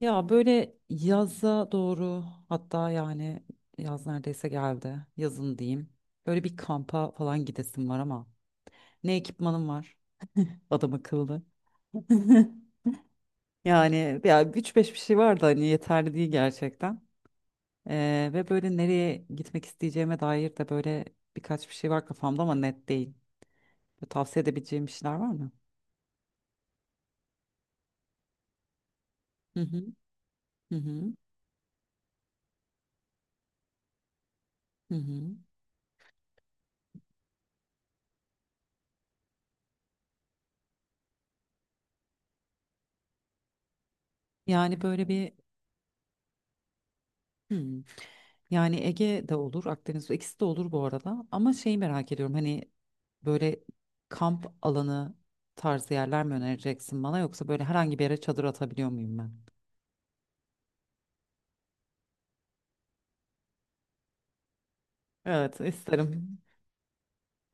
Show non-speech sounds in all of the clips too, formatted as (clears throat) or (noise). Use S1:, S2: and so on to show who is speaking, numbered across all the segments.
S1: Ya böyle yaza doğru, hatta yani yaz neredeyse geldi. Yazın diyeyim. Böyle bir kampa falan gidesim var ama ne ekipmanım var? Adam akıllı. (laughs) Yani ya üç beş bir şey var da hani yeterli değil gerçekten. Ve böyle nereye gitmek isteyeceğime dair de böyle birkaç bir şey var kafamda ama net değil. Böyle tavsiye edebileceğim bir şeyler var mı? Hı hı, hı hı. Hı hı. Yani böyle bir hı. Yani Ege de olur, Akdeniz ikisi de olur bu arada. Ama şeyi merak ediyorum hani böyle kamp alanı tarzı yerler mi önereceksin bana yoksa böyle herhangi bir yere çadır atabiliyor muyum ben? Evet, isterim.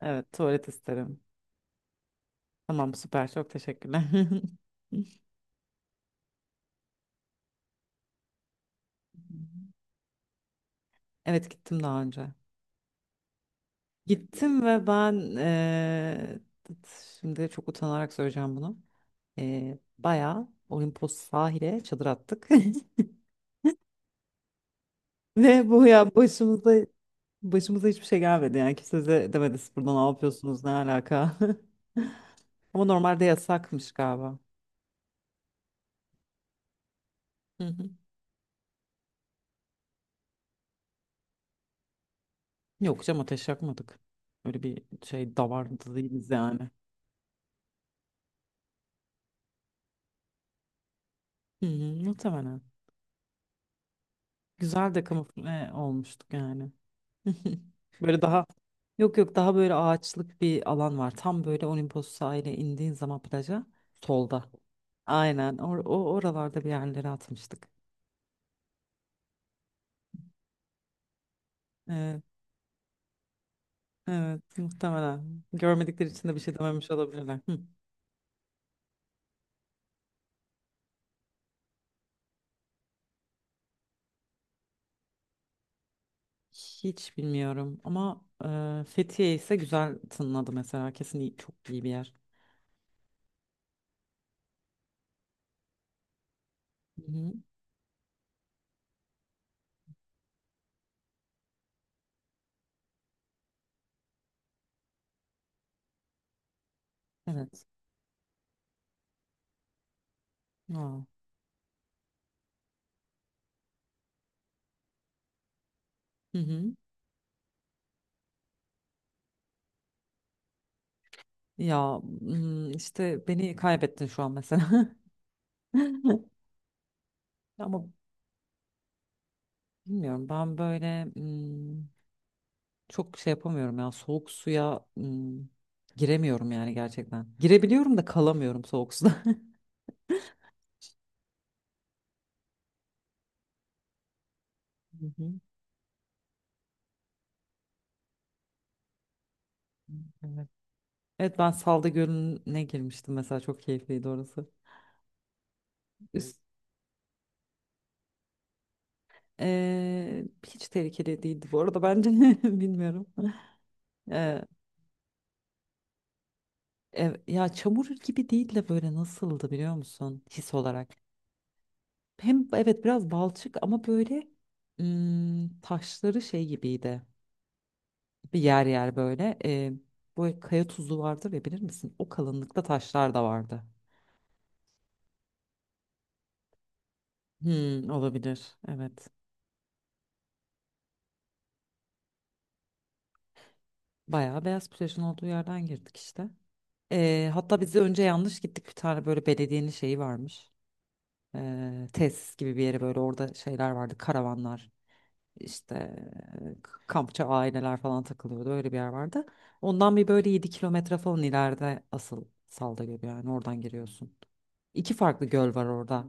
S1: Evet, tuvalet isterim. Tamam, süper, çok teşekkürler. (laughs) Evet, gittim daha önce. Gittim ve ben şimdi çok utanarak söyleyeceğim bunu. Bayağı Olimpos sahile çadır attık. (laughs) Ne bu ya, başımıza hiçbir şey gelmedi yani, kimse de demedi siz burada ne yapıyorsunuz, ne alaka. (laughs) Ama normalde yasakmış galiba. Hı hı. Yok canım, ateş yakmadık. Öyle bir şey davardı değiliz yani. Hı hı, muhtemelen. Güzel de kamufle olmuştuk yani. (laughs) Böyle daha, yok yok, daha böyle ağaçlık bir alan var. Tam böyle Olimpos sahile indiğin zaman plaja solda. Aynen, o oralarda bir yerlere atmıştık. Evet, muhtemelen. Görmedikleri için de bir şey dememiş olabilirler. Hı. Hiç bilmiyorum ama e, Fethiye ise güzel tınladı mesela. Çok iyi bir yer. Hı hı. Evet. Aa. Hı hı. Ya işte beni kaybettin şu an mesela. (laughs) Ama bilmiyorum, ben böyle çok şey yapamıyorum ya, soğuk suya giremiyorum yani gerçekten. Girebiliyorum da kalamıyorum soğuk suda. (laughs) Hı hı. Evet. Evet, ben Salda Gölü'ne girmiştim mesela, çok keyifliydi orası. Üst, hiç tehlikeli değildi bu arada bence, (laughs) bilmiyorum. Ee, Ya çamur gibi değil de, böyle nasıldı biliyor musun his olarak. Hem evet, biraz balçık ama böyle taşları şey gibiydi. Bir yer yer böyle bu kaya tuzu vardır ya, bilir misin? O kalınlıkta taşlar da vardı. Hmm, olabilir, evet. Bayağı beyaz plajın olduğu yerden girdik işte. Hatta biz de önce yanlış gittik, bir tane böyle belediyenin şeyi varmış. Tesis gibi bir yere, böyle orada şeyler vardı, karavanlar işte, kampçı aileler falan takılıyordu, öyle bir yer vardı. Ondan bir böyle 7 kilometre falan ileride asıl Salda Gölü, yani oradan giriyorsun. İki farklı göl var orada.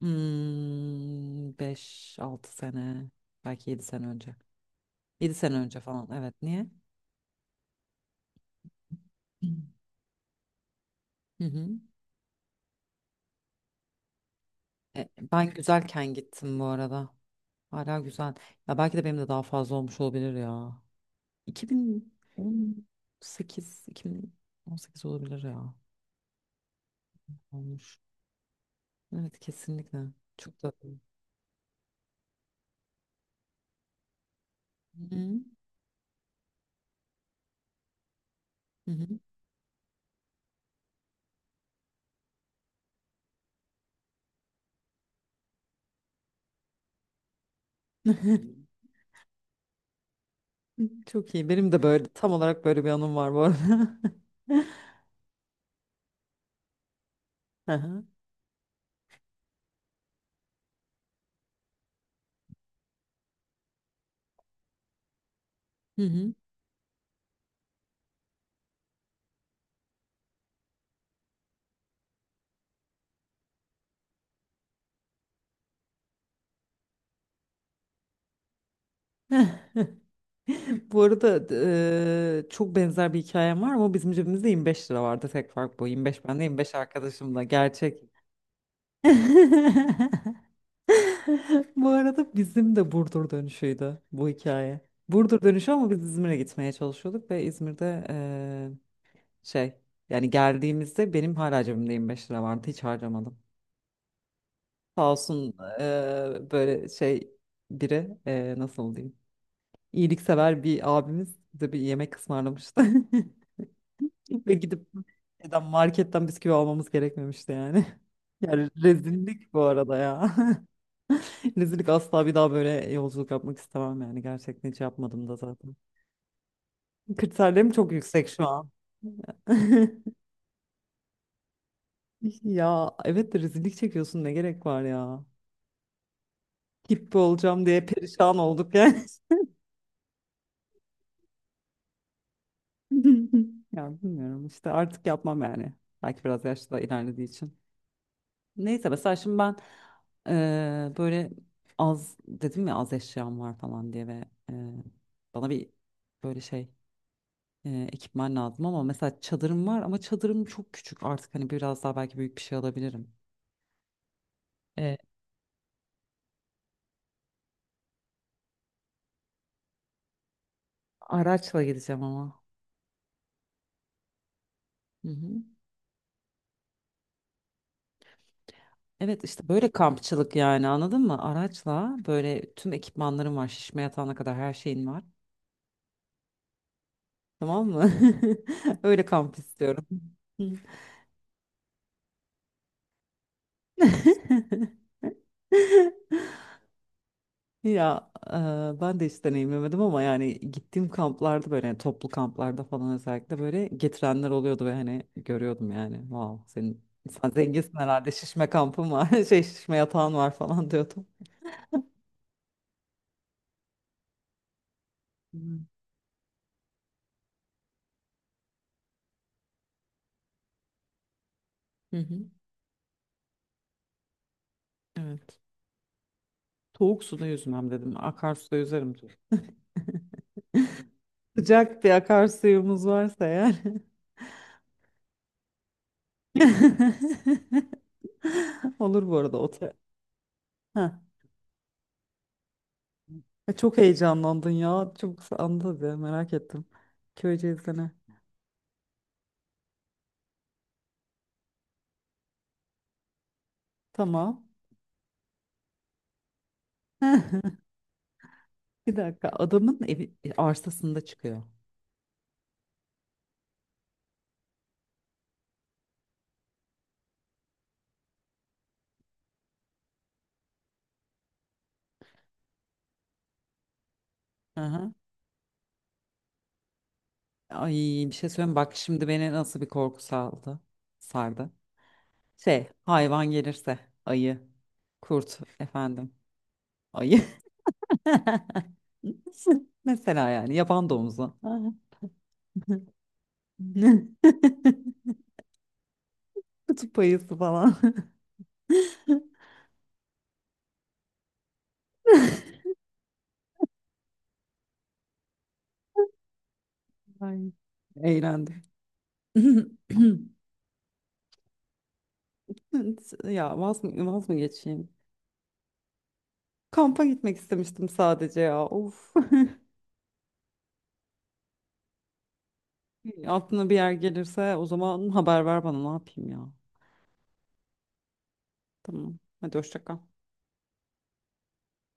S1: Hmm, 5-6 sene, belki 7 sene önce. 7 sene önce falan, evet, niye? Hı hı. E, ben güzelken gittim bu arada. Hala güzel. Ya belki de benim de daha fazla olmuş olabilir ya. 2018, 2018 olabilir ya. Olmuş. Evet, kesinlikle. Çok da. Hı hı. Hı hı. (laughs) Çok iyi. Benim de böyle tam olarak böyle bir anım var bu arada. (laughs) Aha. Hı hı. (laughs) Bu arada çok benzer bir hikayem var ama bizim cebimizde 25 lira vardı. Tek fark bu. 25 bende, 25 arkadaşımla. Gerçek. (laughs) Bu arada bizim de Burdur dönüşüydü bu hikaye. Burdur dönüşü ama biz İzmir'e gitmeye çalışıyorduk ve İzmir'de şey yani geldiğimizde benim hala cebimde 25 lira vardı, hiç harcamadım. Sağ olsun böyle şey biri nasıl diyeyim, iyiliksever bir abimiz bize bir yemek ısmarlamıştı. (laughs) Ve gidip şeyden, marketten bisküvi almamız gerekmemişti yani. (laughs) Yani rezillik bu arada ya. (laughs) Rezillik, asla bir daha böyle yolculuk yapmak istemem yani. Gerçekten hiç yapmadım da zaten. Kriterlerim çok yüksek şu an. (laughs) Ya evet de rezillik çekiyorsun, ne gerek var ya. Hippi olacağım diye perişan olduk yani. (laughs) Ya bilmiyorum işte, artık yapmam yani. Belki biraz yaşta ilerlediği için. Neyse, mesela şimdi ben böyle az dedim ya, az eşyam var falan diye ve bana bir böyle şey ekipman lazım ama mesela çadırım var ama çadırım çok küçük artık, hani biraz daha belki büyük bir şey alabilirim. Eee, Araçla gideceğim ama. Hı hı. Evet işte böyle kampçılık yani, anladın mı? Araçla böyle tüm ekipmanlarım var, şişme yatağına kadar her şeyin var. Tamam mı? (laughs) Öyle kamp istiyorum. Hı. (laughs) Ya e, ben de hiç deneyimlemedim ama yani gittiğim kamplarda, böyle yani, toplu kamplarda falan özellikle böyle getirenler oluyordu ve hani görüyordum yani, wow sen zenginsin herhalde, şişme kampın var (laughs) şey şişme yatağın var falan diyordum. Hı hı. Hı. Evet. Soğuk suda yüzmem dedim. Akarsuda yüzerim, dur. (laughs) Sıcak bir akarsuyumuz varsa eğer. (laughs) Olur bu arada otel. Ha. Çok heyecanlandın ya. Çok anladı, merak ettim. Köyceğiz'de ne? Tamam. (laughs) Bir dakika. Adamın evi, e, arsasında çıkıyor. Hı hı. Ay, bir şey söyleyeyim. Bak şimdi beni nasıl bir korku saldı. Sardı. Şey, hayvan gelirse, ayı, kurt efendim. Ayı. (laughs) Mesela yani yaban domuzu. (laughs) Kutup ayısı falan. (laughs) Ay, eğlendim. (clears throat) Ya vaz mı geçeyim? Kampa gitmek istemiştim sadece ya. Of. (laughs) Aklına bir yer gelirse o zaman haber ver bana, ne yapayım ya. Tamam. Hadi hoşça kal.